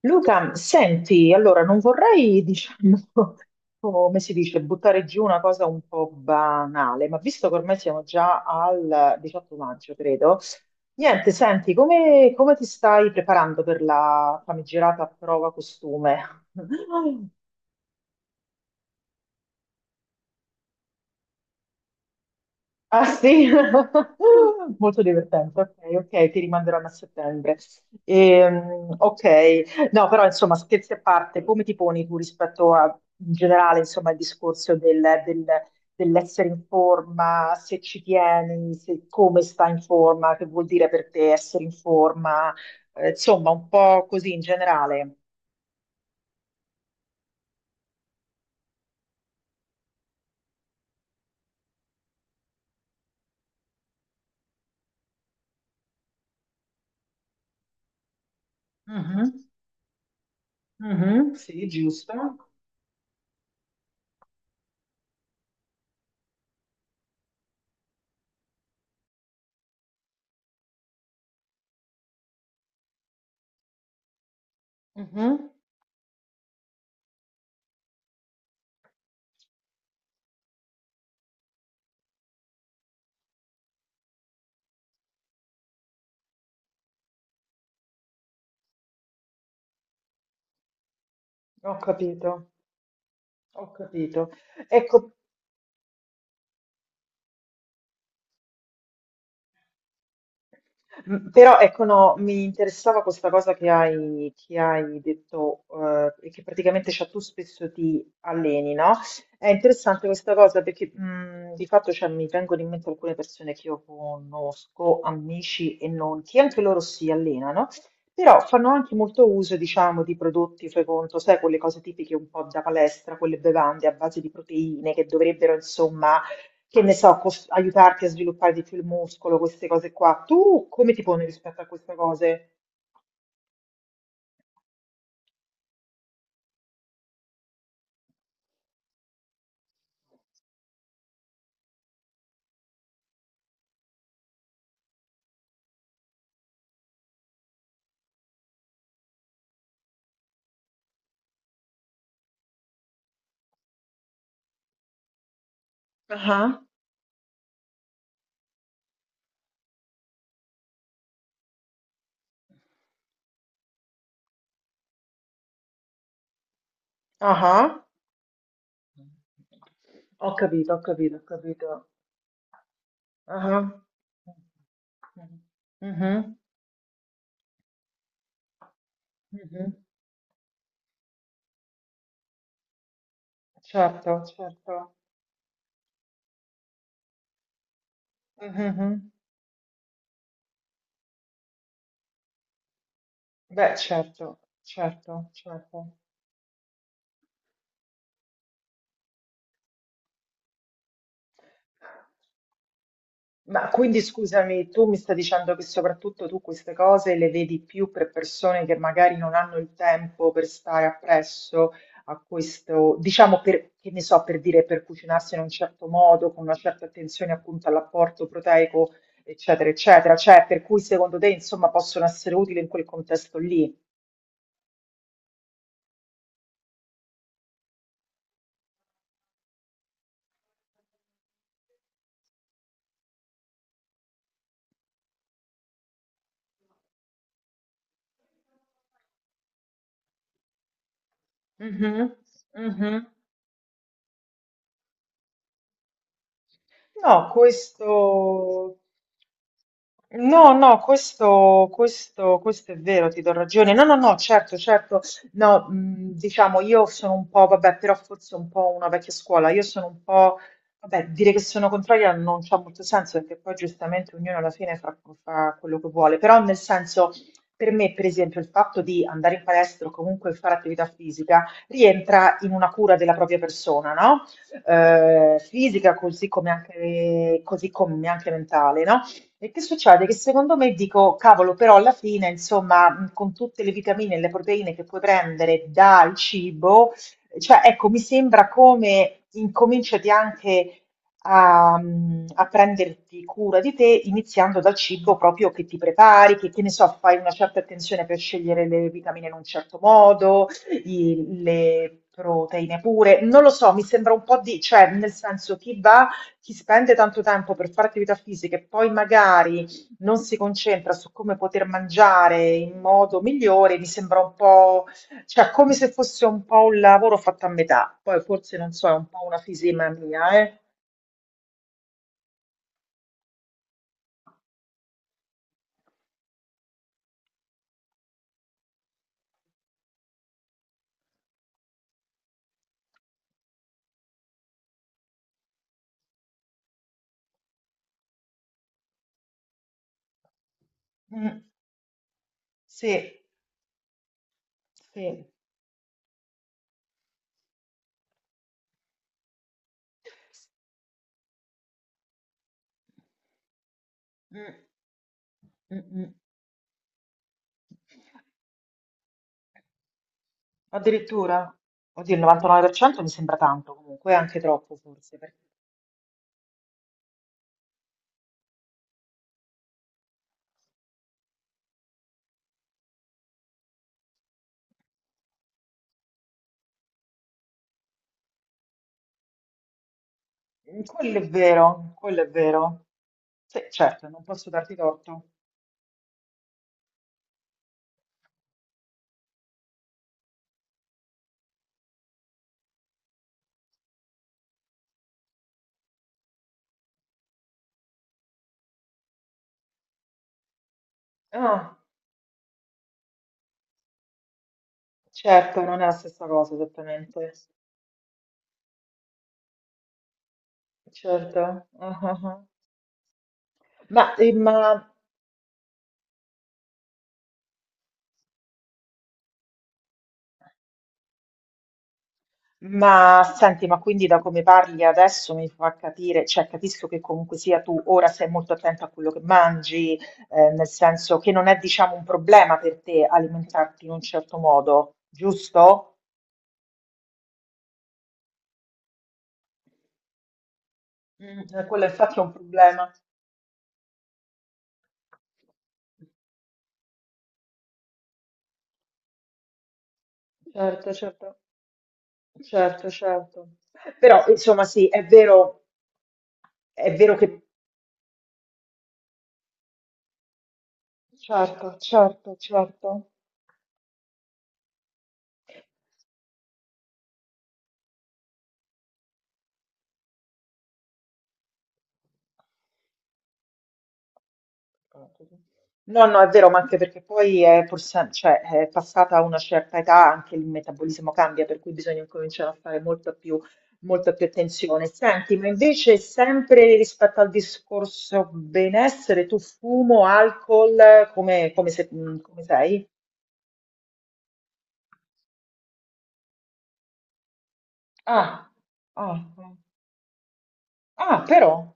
Luca, senti, allora non vorrei, diciamo, come si dice, buttare giù una cosa un po' banale, ma visto che ormai siamo già al 18 maggio, credo, niente, senti, come ti stai preparando per la famigerata prova costume? Ah sì, molto divertente, ok, ok, ti rimanderanno a settembre. Ok, no, però insomma, scherzi a parte, come ti poni tu rispetto a, in generale, insomma, il discorso dell'essere in forma, se ci tieni, come sta in forma, che vuol dire per te essere in forma, insomma, un po' così in generale. Mhm, mhm, sì, giusto. Mhm, ho capito, ho capito. Ecco, però ecco, no, mi interessava questa cosa che hai detto, e che praticamente, cioè, tu spesso ti alleni, no? È interessante questa cosa perché, di fatto, cioè, mi vengono in mente alcune persone che io conosco, amici e non, che anche loro si allenano, però fanno anche molto uso, diciamo, di prodotti, fai conto, sai, quelle cose tipiche un po' da palestra, quelle bevande a base di proteine che dovrebbero, insomma, che ne so, aiutarti a sviluppare di più il muscolo, queste cose qua. Tu come ti poni rispetto a queste cose? Ah, ah, ho capito, ho capito, ho capito. Ah. Mhm, mhm. Certo, certo. Mhm, mhm. Beh, certo, certo, certo. Ma quindi scusami, tu mi stai dicendo che soprattutto tu queste cose le vedi più per persone che magari non hanno il tempo per stare appresso a questo, diciamo per, che ne so, per dire, per cucinarsi in un certo modo, con una certa attenzione appunto all'apporto proteico, eccetera, eccetera. Cioè, per cui secondo te, insomma, possono essere utili in quel contesto lì? Mhm, mhm. No, questo. No, no, questo è vero, ti do ragione. No, no, no, certo, certo. No, diciamo, io sono un po', vabbè, però forse un po' una vecchia scuola. Io sono un po', vabbè, dire che sono contraria non c'ha molto senso perché poi giustamente ognuno alla fine fa quello che vuole. Però nel senso, per me, per esempio, il fatto di andare in palestra o comunque fare attività fisica rientra in una cura della propria persona, no? Eh, fisica, così come anche mentale, no? E che succede? Che secondo me dico, cavolo, però alla fine, insomma, con tutte le vitamine e le proteine che puoi prendere dal cibo, cioè, ecco, mi sembra come incominciati anche a prenderti cura di te, iniziando dal cibo proprio che ti prepari, che ne so, fai una certa attenzione per scegliere le vitamine in un certo modo, le proteine pure, non lo so, mi sembra un po' di, cioè, nel senso, chi va, chi spende tanto tempo per fare attività fisica e poi magari non si concentra su come poter mangiare in modo migliore, mi sembra un po', cioè, come se fosse un po' un lavoro fatto a metà. Poi forse, non so, è un po' una fisima mia, eh? Mm, sì, sì, mm, mm, mm. Addirittura. Oddio, il 99% mi sembra tanto comunque, anche troppo forse. Mm, quello è vero, quello è vero. Sì, certo, non posso darti torto. Ah, certo, non è la stessa cosa esattamente. Certo. Ah, ah, ah. Ma, eh, ma- ma senti, ma quindi da come parli adesso mi fa capire, cioè capisco che comunque sia tu ora sei molto attenta a quello che mangi, nel senso che non è, diciamo, un problema per te alimentarti in un certo modo, giusto? Mm, quello infatti è un problema. Certo, certo. Certo, certo. Però, insomma, sì, è vero che. Certo, certo, certo. No, no, è vero, ma anche perché poi è, cioè, è passata una certa età, anche il metabolismo cambia, per cui bisogna cominciare a fare molta più attenzione. Senti, ma invece sempre rispetto al discorso benessere, tu fumo, alcol, come, come, se- come sei? Ah, ah, ah, ah, però.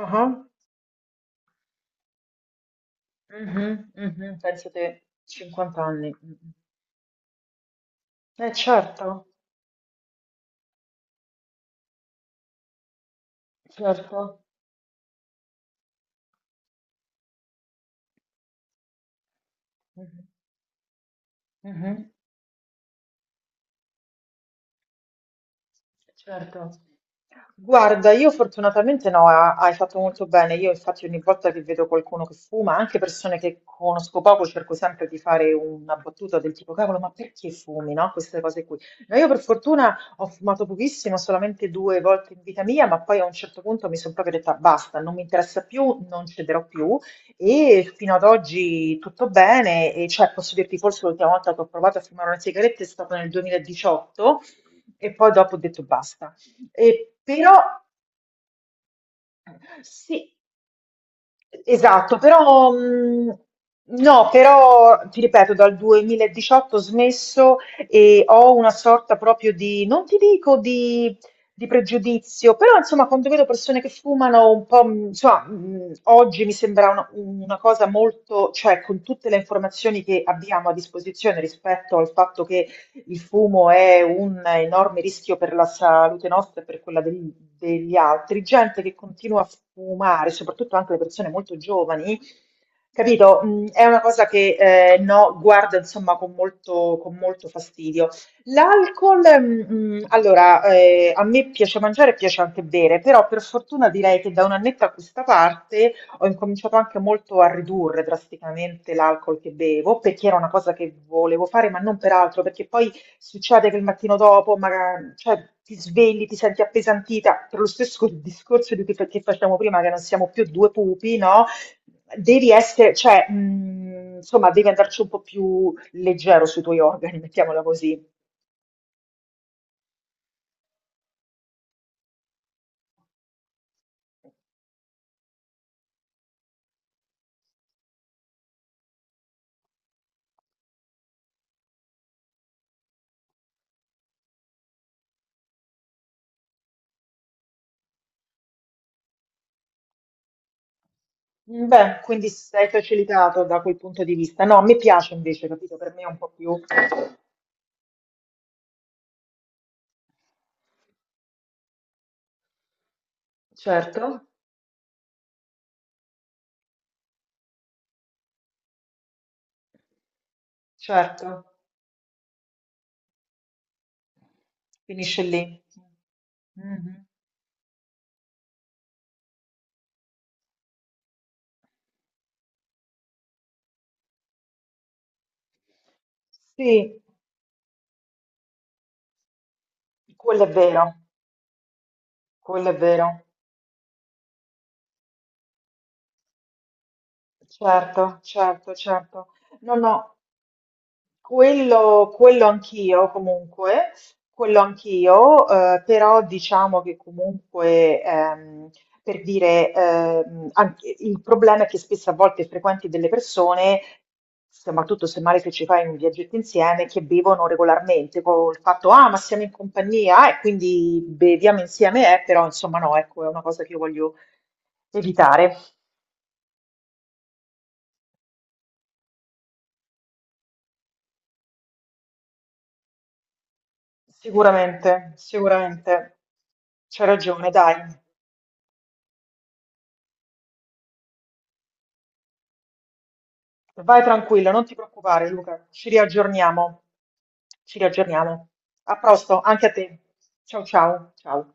Ah, ah. Mhm, mhm, penso che 50 anni. Mm. Eh certo, certo. Mhm, mhm, certo. Guarda, io fortunatamente no, hai fatto molto bene. Io infatti ogni volta che vedo qualcuno che fuma, anche persone che conosco poco, cerco sempre di fare una battuta del tipo, cavolo, ma perché fumi, no? Queste cose qui. No, io per fortuna ho fumato pochissimo, solamente due volte in vita mia, ma poi a un certo punto mi sono proprio detta basta, non mi interessa più, non cederò più e fino ad oggi tutto bene. E cioè, posso dirti, forse l'ultima volta che ho provato a fumare una sigaretta è stata nel 2018 e poi dopo ho detto basta. E però sì, esatto, però no, però ti ripeto, dal 2018 ho smesso e ho una sorta proprio di, non ti dico di pregiudizio, però insomma quando vedo persone che fumano un po', insomma, oggi mi sembra una cosa molto, cioè con tutte le informazioni che abbiamo a disposizione rispetto al fatto che il fumo è un enorme rischio per la salute nostra e per quella degli altri. Gente che continua a fumare, soprattutto anche le persone molto giovani, capito? Mm, è una cosa che, no, guarda, insomma, con molto fastidio. L'alcol, mm, mm, allora, a me piace mangiare e piace anche bere, però per fortuna direi che da un annetto a questa parte ho incominciato anche molto a ridurre drasticamente l'alcol che bevo, perché era una cosa che volevo fare, ma non per altro, perché poi succede che il mattino dopo, magari, cioè, ti svegli, ti senti appesantita, per lo stesso discorso di cui che facciamo prima, che non siamo più due pupi, no? Devi essere, cioè, insomma, devi andarci un po' più leggero sui tuoi organi, mettiamola così. Beh, quindi sei facilitato da quel punto di vista. No, mi piace invece, capito? Per me è un po' più. Certo, certo, finisce lì. Mhm. Sì, quello è vero, quello è vero. Certo, certo, certo. No, no, quello anch'io comunque, quello anch'io, però diciamo che comunque, per dire, il problema è che spesso a volte frequenti delle persone, soprattutto se male che ci fai un viaggetto insieme, che bevono regolarmente, con il fatto, "ah, ma siamo in compagnia, e quindi beviamo insieme, però insomma no, ecco, è una cosa che io voglio evitare. Sicuramente, sicuramente. C'hai ragione, dai. Vai tranquilla, non ti preoccupare, Luca. Ci riaggiorniamo. Ci riaggiorniamo. A presto, anche a te. Ciao ciao, ciao.